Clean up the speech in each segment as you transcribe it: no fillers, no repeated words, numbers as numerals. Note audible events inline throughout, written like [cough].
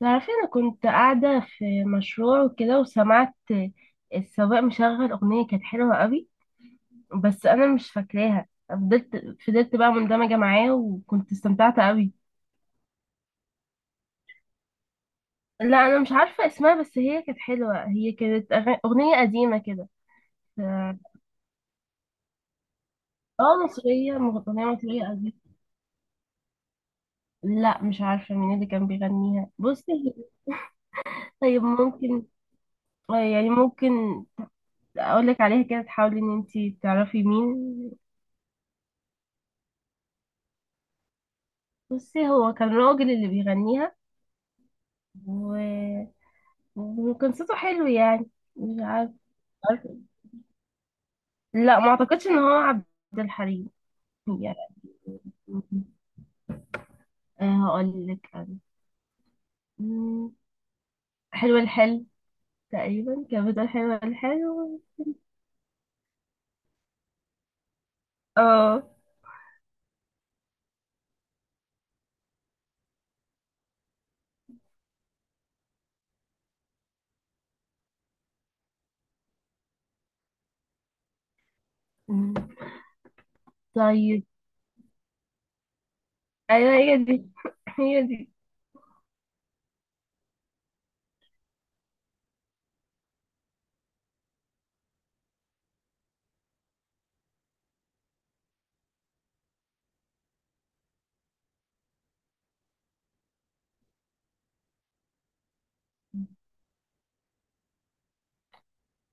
تعرفي، انا كنت قاعدة في مشروع وكده وسمعت السواق مشغل اغنية كانت حلوة قوي. بس انا مش فاكراها. فضلت بقى مندمجة معاه وكنت استمتعت قوي. لا، انا مش عارفة اسمها، بس هي كانت حلوة. هي كانت اغنية قديمة كده. ف- اه، مصرية، اغنية مصرية قديمة. لا مش عارفة مين اللي كان بيغنيها. بصي طيب، ممكن. يعني ممكن اقولك عليها كده تحاولي ان انتي تعرفي مين. بصي، هو كان راجل اللي بيغنيها و... وكان صوته حلو يعني. مش عارف. لا، ما اعتقدش ان هو عبد الحليم. يعني، هقول لك انا. مم، حلو الحل تقريبا كان بتقول حلو الحل. اه. مم، طيب. ايوه، هي دي، هي دي.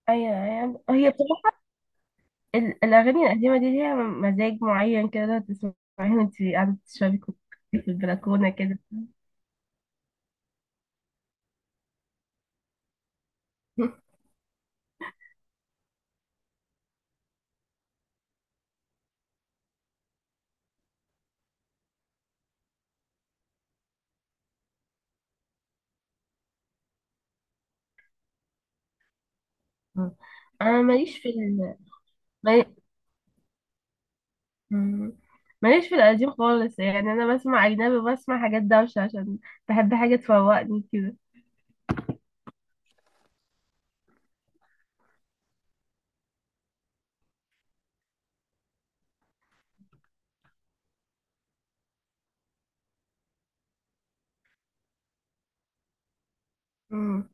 ايوه ايوه، هي بصراحه الاغاني القديمه دي ليها مزاج معين كده. تسمعيها وانت قاعده بتشربي كوب في البلكونه كده. [laughs] انا ماليش في ال... مم. ماليش في القديم خالص. يعني انا بسمع اجنبي، بسمع حاجات دوشة عشان بحب حاجة تفوقني كده. مم.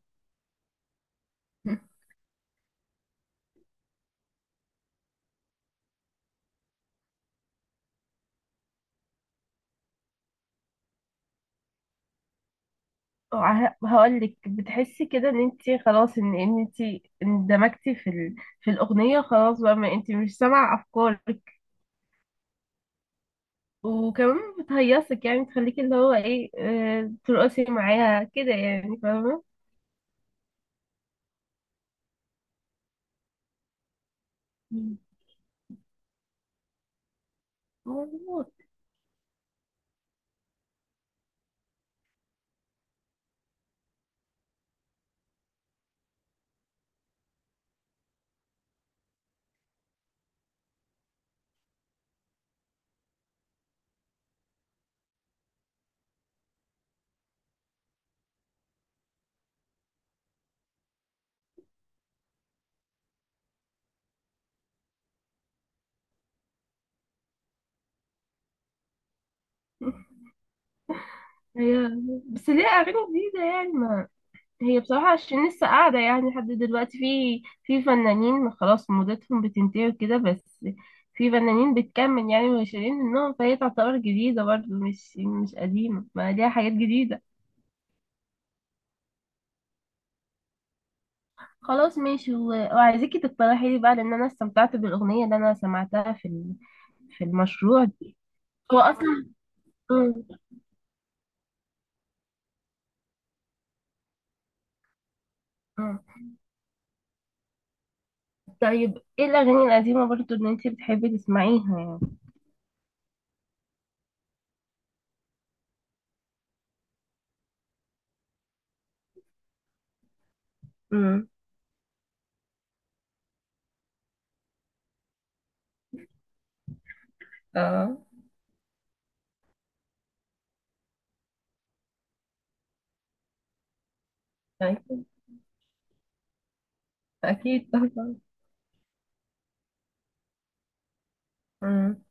هقولك، بتحسي كده ان انت خلاص، ان انت اندمجتي في الاغنية. خلاص بقى، ما انت مش سامعة افكارك. وكمان بتهيصك، يعني تخليكي اللي هو ايه، ترقصي معاها كده، يعني فاهمة. مم. مظبوط. هي بس ليه اغاني جديدة يعني؟ هي بصراحة عشان لسه قاعدة يعني لحد دلوقتي، في فنانين خلاص مدتهم بتنتهي وكده، بس في فنانين بتكمل يعني وناشرين منهم، فهي تعتبر جديدة برضه، مش قديمة، ما ليها حاجات جديدة. خلاص ماشي، و- وعايزاكي تقترحي لي بقى، لأن أنا استمتعت بالأغنية اللي أنا سمعتها في في المشروع دي. هو أصلا. مم. مم. طيب، ايه الأغاني القديمة برضه اللي انتي بتحبي تسمعيها يعني؟ مم. اه، اكيد. اكيد طبعا. مم.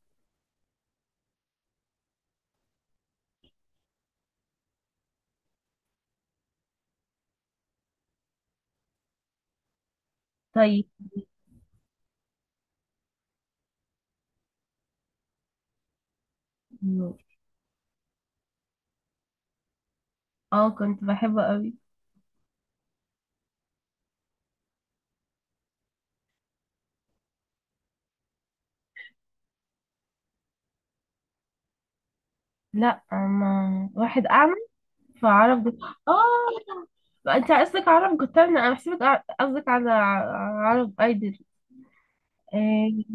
طيب. اه، كنت بحبه قوي. لا، ما واحد اعمى. فعرف جت... اه، انت قصدك عرب جوترنا. انا بحسبك قصدك على عرب ايدل. آه...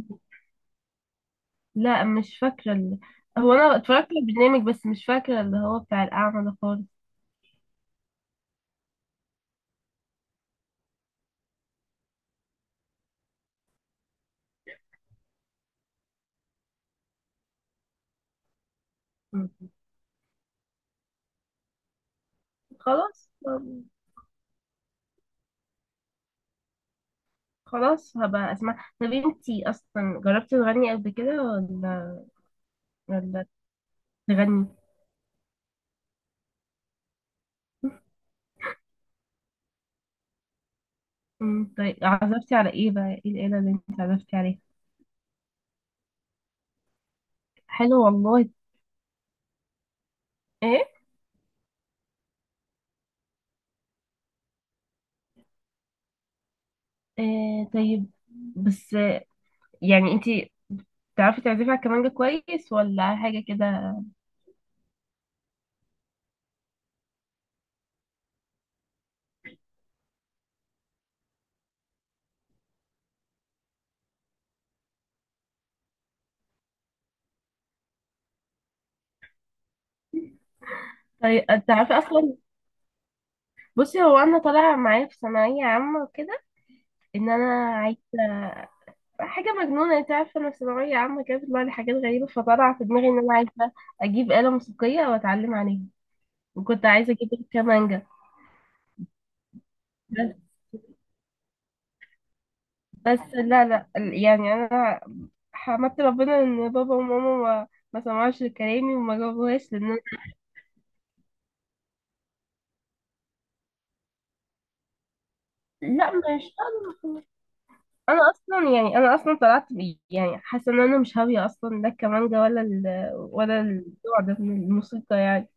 لا، مش فاكره هو انا اتفرجت على البرنامج، بس مش فاكره اللي هو بتاع الاعمى ده خالص. م. خلاص. خلاص هبقى اسمع. طب انتي اصلا جربتي تغني قبل كده ولا تغني. طيب، عزفتي على ايه بقى؟ ايه الآلة اللي انت عزفتي عليها؟ حلو والله. ايه. طيب. بس يعني انتي تعرفي تعزفي على الكمانجة كويس ولا حاجة كده؟ طيب، تعرفي اصلا. بصي، هو انا طالعة معايا في ثانوية عامة وكده، ان انا عايزة حاجة مجنونة. انت عارفة، انا في ثانوية عامة كده بيطلع لي حاجات غريبة. فطلع في دماغي ان انا عايزة اجيب آلة موسيقية واتعلم عليها. وكنت عايزة اجيب الكمانجة. بس بس لا لا، يعني انا حمدت ربنا ان بابا وماما ما سمعوش لكلامي وما جابوهاش لان لا، مش انا اصلا، يعني انا اصلا طلعت بي يعني حاسه ان انا مش هاويه اصلا، لا الكمانجه ولا النوع ده من الموسيقى يعني.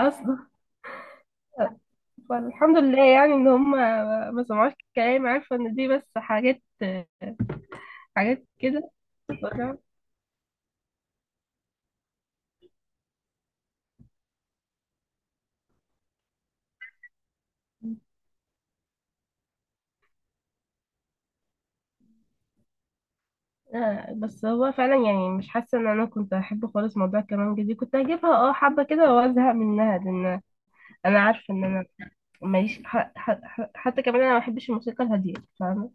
اصلا، فالحمد لله يعني ان هم ما سمعوش كلام. عارفه ان دي بس حاجات، حاجات كده بره. بس هو فعلا يعني مش حاسه ان انا كنت احب خالص موضوع الكمانجه دي. كنت هجيبها حبه كده وازهق منها، لان انا عارفه ان انا ماليش حتى كمان انا ما بحبش الموسيقى الهاديه. فاهمه.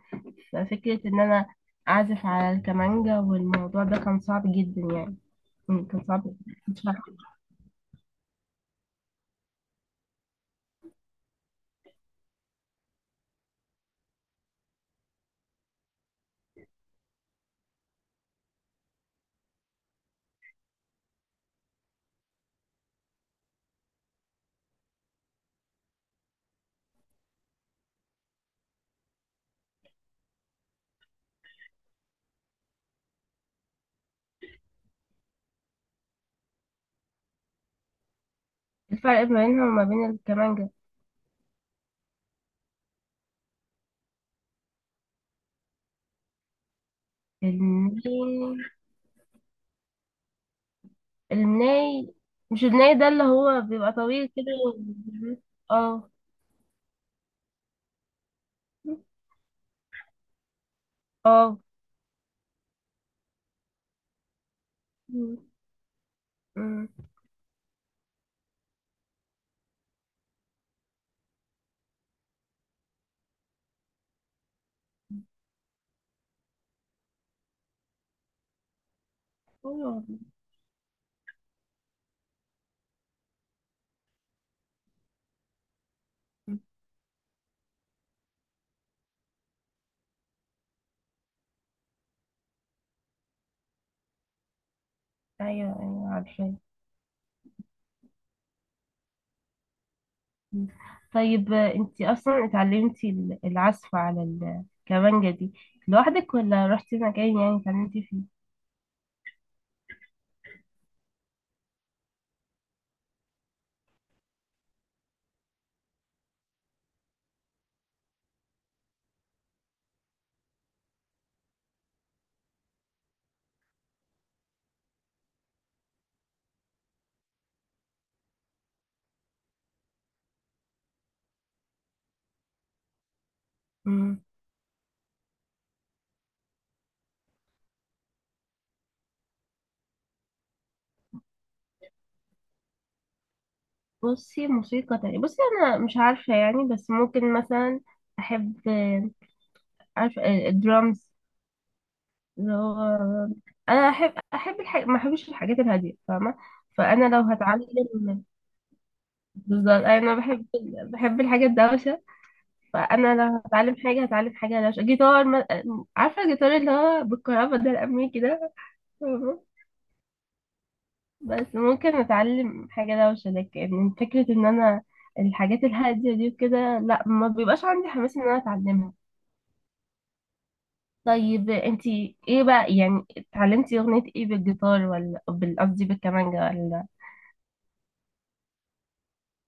ففكره ان انا اعزف على الكمانجا والموضوع ده كان صعب جدا. يعني كان صعب. مش عارفة. الفرق ما بينها وما بين الكمانجا. الناي الناي. مش الناي ده اللي هو بيبقى طويل كده اه اه، م- م- ايوه ايوه، عارفه. مم. طيب، انت اصلا اتعلمتي العزف على الكمانجة دي لوحدك ولا رحتي مكان يعني اتعلمتي فيه؟ مم. بصي، موسيقى تانية. بصي، انا مش عارفة يعني، بس ممكن مثلا احب، عارفة الدرامز، اللي هو انا احب ما احبش الحاجات الهادية. فاهمة؟ فانا لو هتعلم بالظبط، انا بحب الحاجة الدوشة. فانا لو هتعلم حاجه، هتعلم حاجه لو جيتار ما... عارفه الجيتار اللي هو بالكهرباء ده، الامريكي ده. فاهمة؟ بس ممكن اتعلم حاجه دوشه، لكن فكره ان انا الحاجات الهاديه دي وكده، لا، ما بيبقاش عندي حماس ان انا اتعلمها. طيب، انتي ايه بقى يعني؟ اتعلمتي اغنيه ايه بالجيتار ولا قصدي بالكمانجه، ولا؟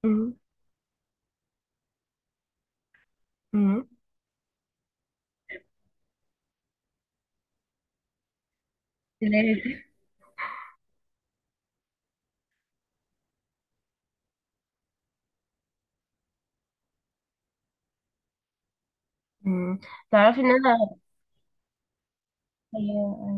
مم. مم. لازم. مم. تعرفي ان انا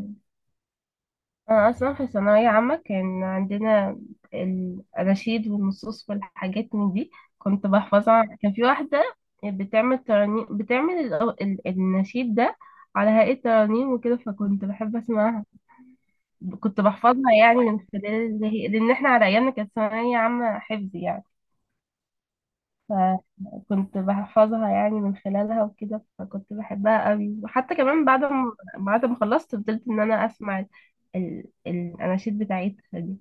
أنا أصلا في ثانوية عامة كان عندنا الأناشيد والنصوص والحاجات من دي. كنت بحفظها. كان في واحدة بتعمل ترانيم، بتعمل النشيد ده على هيئة ترانيم وكده، فكنت بحب أسمعها. كنت بحفظها يعني من خلال لأن إحنا على أيامنا كانت ثانوية عامة حفظ يعني. فكنت بحفظها يعني من خلالها وكده. فكنت بحبها قوي، وحتى كمان بعد ما خلصت فضلت إن أنا أسمع الأناشيد بتاعتها دي.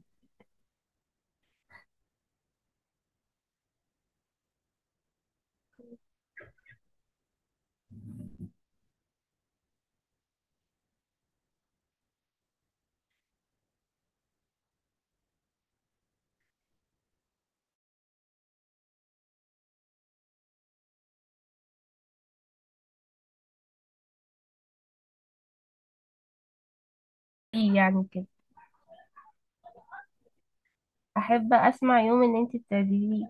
ايه يعني كده. احب اسمع يوم ان انت بتعزفي.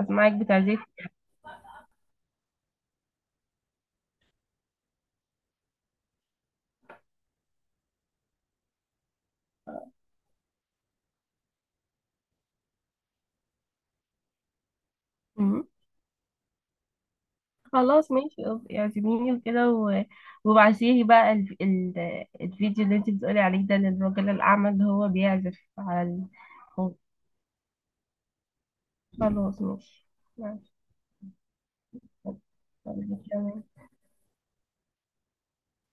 اسمعك بتعزفي. مم. خلاص ماشي، اعزميني وكده و... وبعتيلي بقى الفيديو اللي انت بتقولي عليه ده للراجل الاعمى اللي هو بيعزف على الفون. خلاص ماشي. ماشي.